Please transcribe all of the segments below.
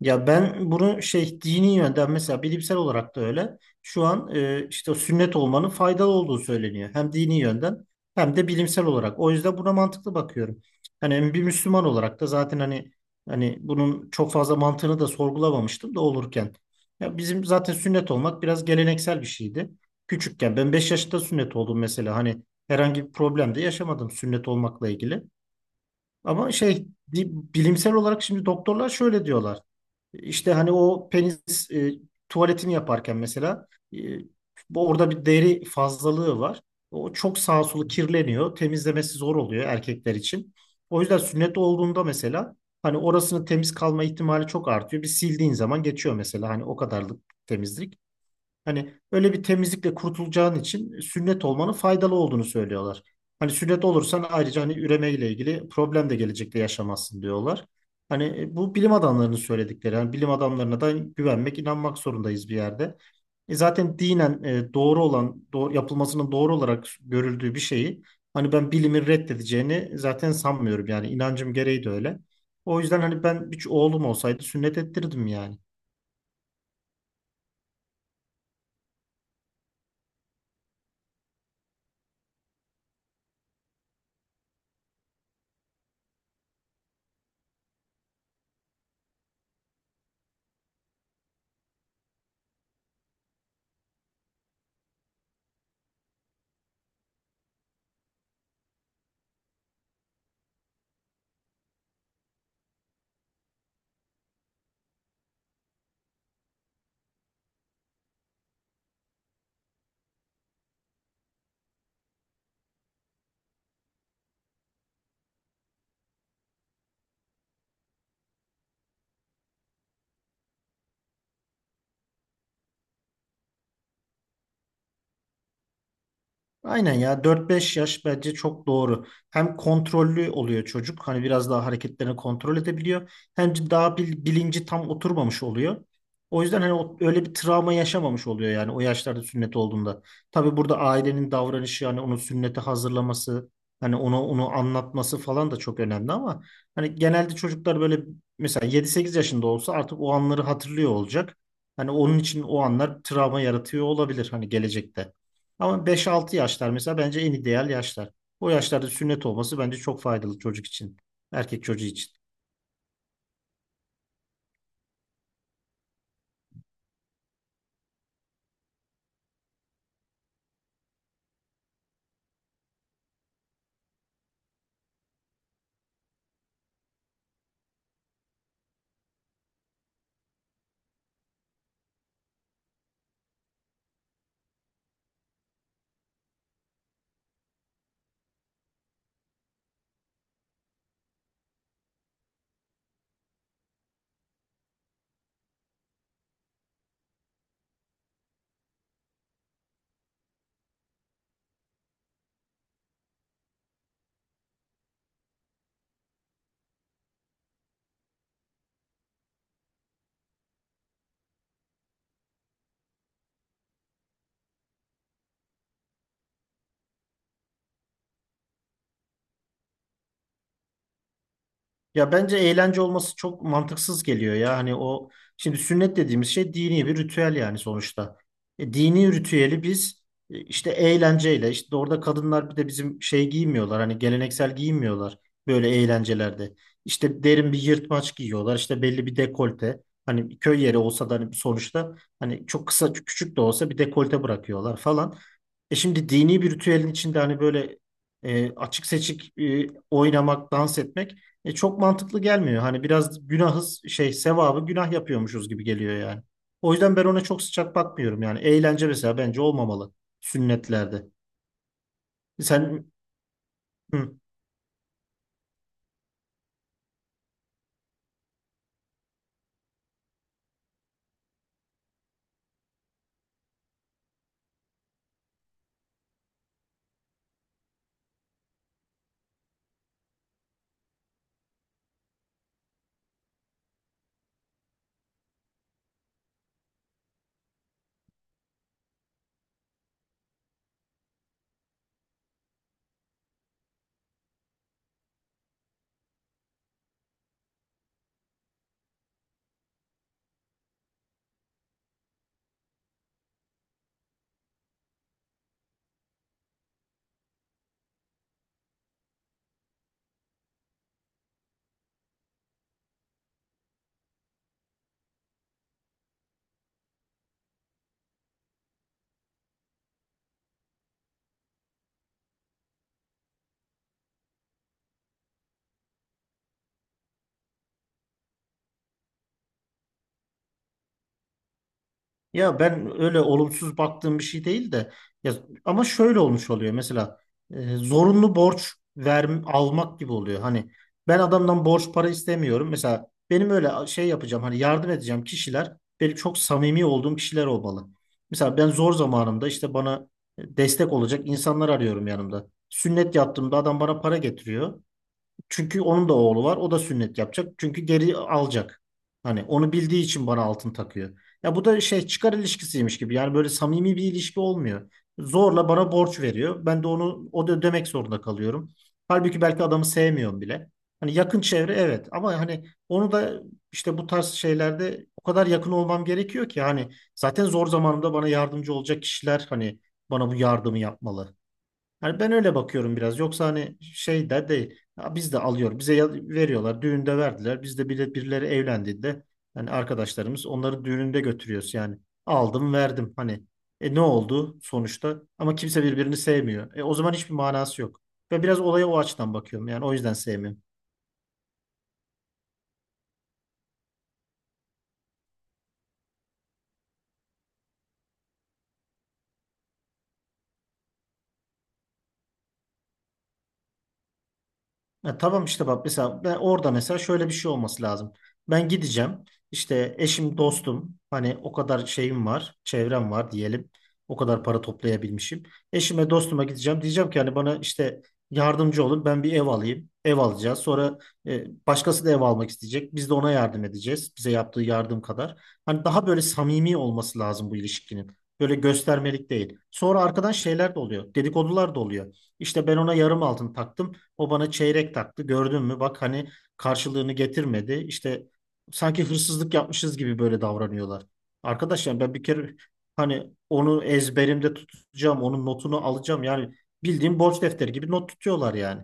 Ya ben bunu şey dini yönden mesela bilimsel olarak da öyle. Şu an işte sünnet olmanın faydalı olduğu söyleniyor. Hem dini yönden hem de bilimsel olarak. O yüzden buna mantıklı bakıyorum. Hani bir Müslüman olarak da zaten hani bunun çok fazla mantığını da sorgulamamıştım da olurken. Ya bizim zaten sünnet olmak biraz geleneksel bir şeydi. Küçükken ben 5 yaşında sünnet oldum mesela. Hani herhangi bir problem de yaşamadım sünnet olmakla ilgili. Ama şey di- bilimsel olarak şimdi doktorlar şöyle diyorlar. İşte hani o penis tuvaletini yaparken mesela e, orada bir deri fazlalığı var. O çok sağa sola kirleniyor. Temizlemesi zor oluyor erkekler için. O yüzden sünnet olduğunda mesela hani orasının temiz kalma ihtimali çok artıyor. Bir sildiğin zaman geçiyor mesela hani o kadarlık temizlik. Hani öyle bir temizlikle kurtulacağın için sünnet olmanın faydalı olduğunu söylüyorlar. Hani sünnet olursan ayrıca hani üreme ile ilgili problem de gelecekte yaşamazsın diyorlar. Hani bu bilim adamlarının söyledikleri. Yani bilim adamlarına da güvenmek, inanmak zorundayız bir yerde. E zaten dinen doğru olan, doğru, yapılmasının doğru olarak görüldüğü bir şeyi hani ben bilimin reddedeceğini zaten sanmıyorum. Yani inancım gereği de öyle. O yüzden hani ben bir oğlum olsaydı sünnet ettirirdim yani. Aynen ya 4 5 yaş bence çok doğru. Hem kontrollü oluyor çocuk. Hani biraz daha hareketlerini kontrol edebiliyor. Hem de daha bilinci tam oturmamış oluyor. O yüzden hani öyle bir travma yaşamamış oluyor yani o yaşlarda sünnet olduğunda. Tabii burada ailenin davranışı yani onu sünnete hazırlaması, hani onu anlatması falan da çok önemli ama hani genelde çocuklar böyle mesela 7 8 yaşında olsa artık o anları hatırlıyor olacak. Hani onun için o anlar travma yaratıyor olabilir hani gelecekte. Ama 5-6 yaşlar mesela bence en ideal yaşlar. O yaşlarda sünnet olması bence çok faydalı çocuk için. Erkek çocuğu için. Ya bence eğlence olması çok mantıksız geliyor ya. Hani o şimdi sünnet dediğimiz şey dini bir ritüel yani sonuçta. E, dini ritüeli biz işte eğlenceyle işte orada kadınlar bir de bizim şey giymiyorlar. Hani geleneksel giyinmiyorlar böyle eğlencelerde. İşte derin bir yırtmaç giyiyorlar. İşte belli bir dekolte. Hani köy yeri olsa da hani sonuçta hani çok kısa küçük de olsa bir dekolte bırakıyorlar falan. E şimdi dini bir ritüelin içinde hani böyle açık seçik oynamak, dans etmek çok mantıklı gelmiyor. Hani biraz günahız şey sevabı günah yapıyormuşuz gibi geliyor yani. O yüzden ben ona çok sıcak bakmıyorum yani. Eğlence mesela bence olmamalı sünnetlerde. Sen hı. Ya ben öyle olumsuz baktığım bir şey değil de ya, ama şöyle olmuş oluyor mesela zorunlu borç ver, almak gibi oluyor. Hani ben adamdan borç para istemiyorum. Mesela benim öyle şey yapacağım hani yardım edeceğim kişiler benim çok samimi olduğum kişiler olmalı. Mesela ben zor zamanımda işte bana destek olacak insanlar arıyorum yanımda. Sünnet yaptığımda adam bana para getiriyor. Çünkü onun da oğlu var. O da sünnet yapacak. Çünkü geri alacak. Hani onu bildiği için bana altın takıyor. Ya bu da şey çıkar ilişkisiymiş gibi. Yani böyle samimi bir ilişki olmuyor. Zorla bana borç veriyor. Ben de onu o da ödemek zorunda kalıyorum. Halbuki belki adamı sevmiyorum bile. Hani yakın çevre evet ama hani onu da işte bu tarz şeylerde o kadar yakın olmam gerekiyor ki hani zaten zor zamanımda bana yardımcı olacak kişiler hani bana bu yardımı yapmalı. Yani ben öyle bakıyorum biraz. Yoksa hani şey de değil. Ya biz de alıyor. Bize veriyorlar. Düğünde verdiler. Biz de bile birileri evlendiğinde yani arkadaşlarımız onları düğününde götürüyoruz yani. Aldım verdim hani. E ne oldu sonuçta? Ama kimse birbirini sevmiyor. E o zaman hiçbir manası yok. Ve biraz olaya o açıdan bakıyorum. Yani o yüzden sevmiyorum. Ya tamam işte bak mesela ben orada mesela şöyle bir şey olması lazım. Ben gideceğim. İşte eşim, dostum hani o kadar şeyim var, çevrem var diyelim. O kadar para toplayabilmişim. Eşime, dostuma gideceğim. Diyeceğim ki hani bana işte yardımcı olun. Ben bir ev alayım. Ev alacağız. Sonra başkası da ev almak isteyecek. Biz de ona yardım edeceğiz. Bize yaptığı yardım kadar. Hani daha böyle samimi olması lazım bu ilişkinin. Böyle göstermelik değil. Sonra arkadan şeyler de oluyor. Dedikodular da oluyor. İşte ben ona yarım altın taktım. O bana çeyrek taktı. Gördün mü? Bak hani karşılığını getirmedi. İşte sanki hırsızlık yapmışız gibi böyle davranıyorlar. Arkadaşlar ben bir kere hani onu ezberimde tutacağım, onun notunu alacağım. Yani bildiğim borç defteri gibi not tutuyorlar yani.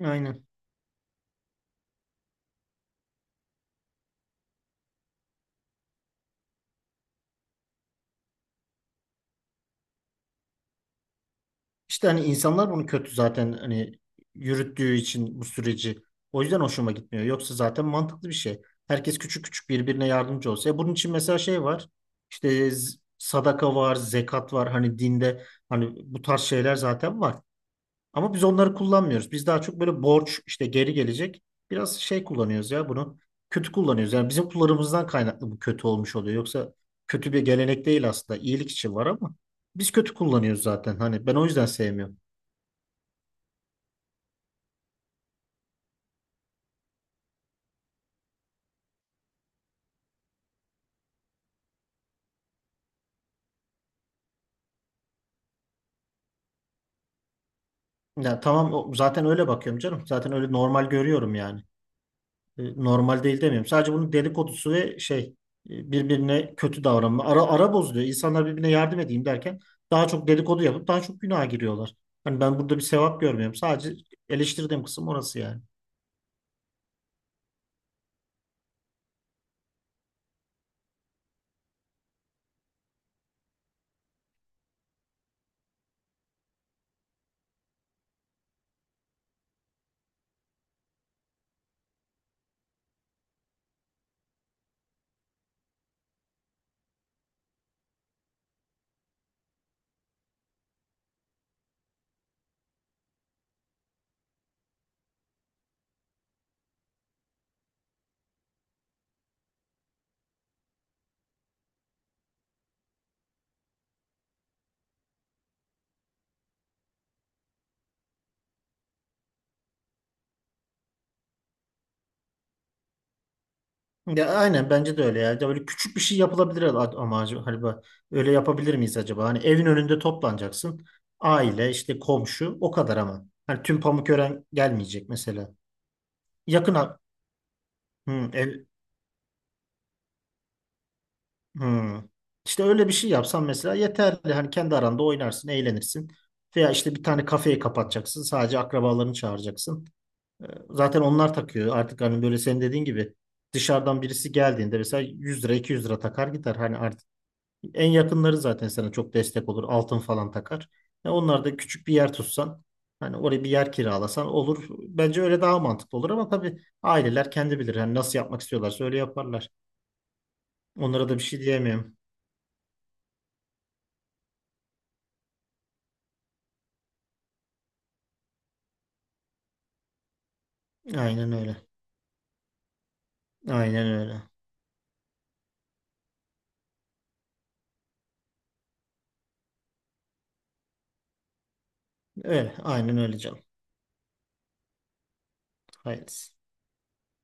Aynen. İşte hani insanlar bunu kötü zaten hani yürüttüğü için bu süreci. O yüzden hoşuma gitmiyor. Yoksa zaten mantıklı bir şey. Herkes küçük küçük birbirine yardımcı olsa. E bunun için mesela şey var. İşte sadaka var, zekat var. Hani dinde hani bu tarz şeyler zaten var. Ama biz onları kullanmıyoruz. Biz daha çok böyle borç işte geri gelecek. Biraz şey kullanıyoruz ya bunu. Kötü kullanıyoruz. Yani bizim kullarımızdan kaynaklı bu kötü olmuş oluyor. Yoksa kötü bir gelenek değil aslında. İyilik için var ama biz kötü kullanıyoruz zaten. Hani ben o yüzden sevmiyorum. Ya tamam zaten öyle bakıyorum canım. Zaten öyle normal görüyorum yani. E, normal değil demiyorum. Sadece bunun dedikodusu ve şey birbirine kötü davranma. Ara, ara bozuluyor. İnsanlar birbirine yardım edeyim derken daha çok dedikodu yapıp daha çok günaha giriyorlar. Hani ben burada bir sevap görmüyorum. Sadece eleştirdiğim kısım orası yani. Ya aynen bence de öyle ya. Ya böyle küçük bir şey yapılabilir ama acaba hani bak, öyle yapabilir miyiz acaba? Hani evin önünde toplanacaksın. Aile işte komşu o kadar ama. Hani tüm Pamukören gelmeyecek mesela yakın. Hı, el, hı. İşte öyle bir şey yapsan mesela yeterli. Hani kendi aranda oynarsın, eğlenirsin. Veya işte bir tane kafeyi kapatacaksın. Sadece akrabalarını çağıracaksın. Ee, Zaten onlar takıyor. Artık hani böyle senin dediğin gibi dışarıdan birisi geldiğinde mesela 100 lira 200 lira takar gider. Hani artık en yakınları zaten sana çok destek olur. Altın falan takar. Ya onlar da küçük bir yer tutsan hani oraya bir yer kiralasan olur. Bence öyle daha mantıklı olur ama tabii aileler kendi bilir. Hani nasıl yapmak istiyorlarsa öyle yaparlar. Onlara da bir şey diyemiyorum. Aynen öyle. Aynen öyle. Öyle. Aynen öyle canım. Hayırlısı.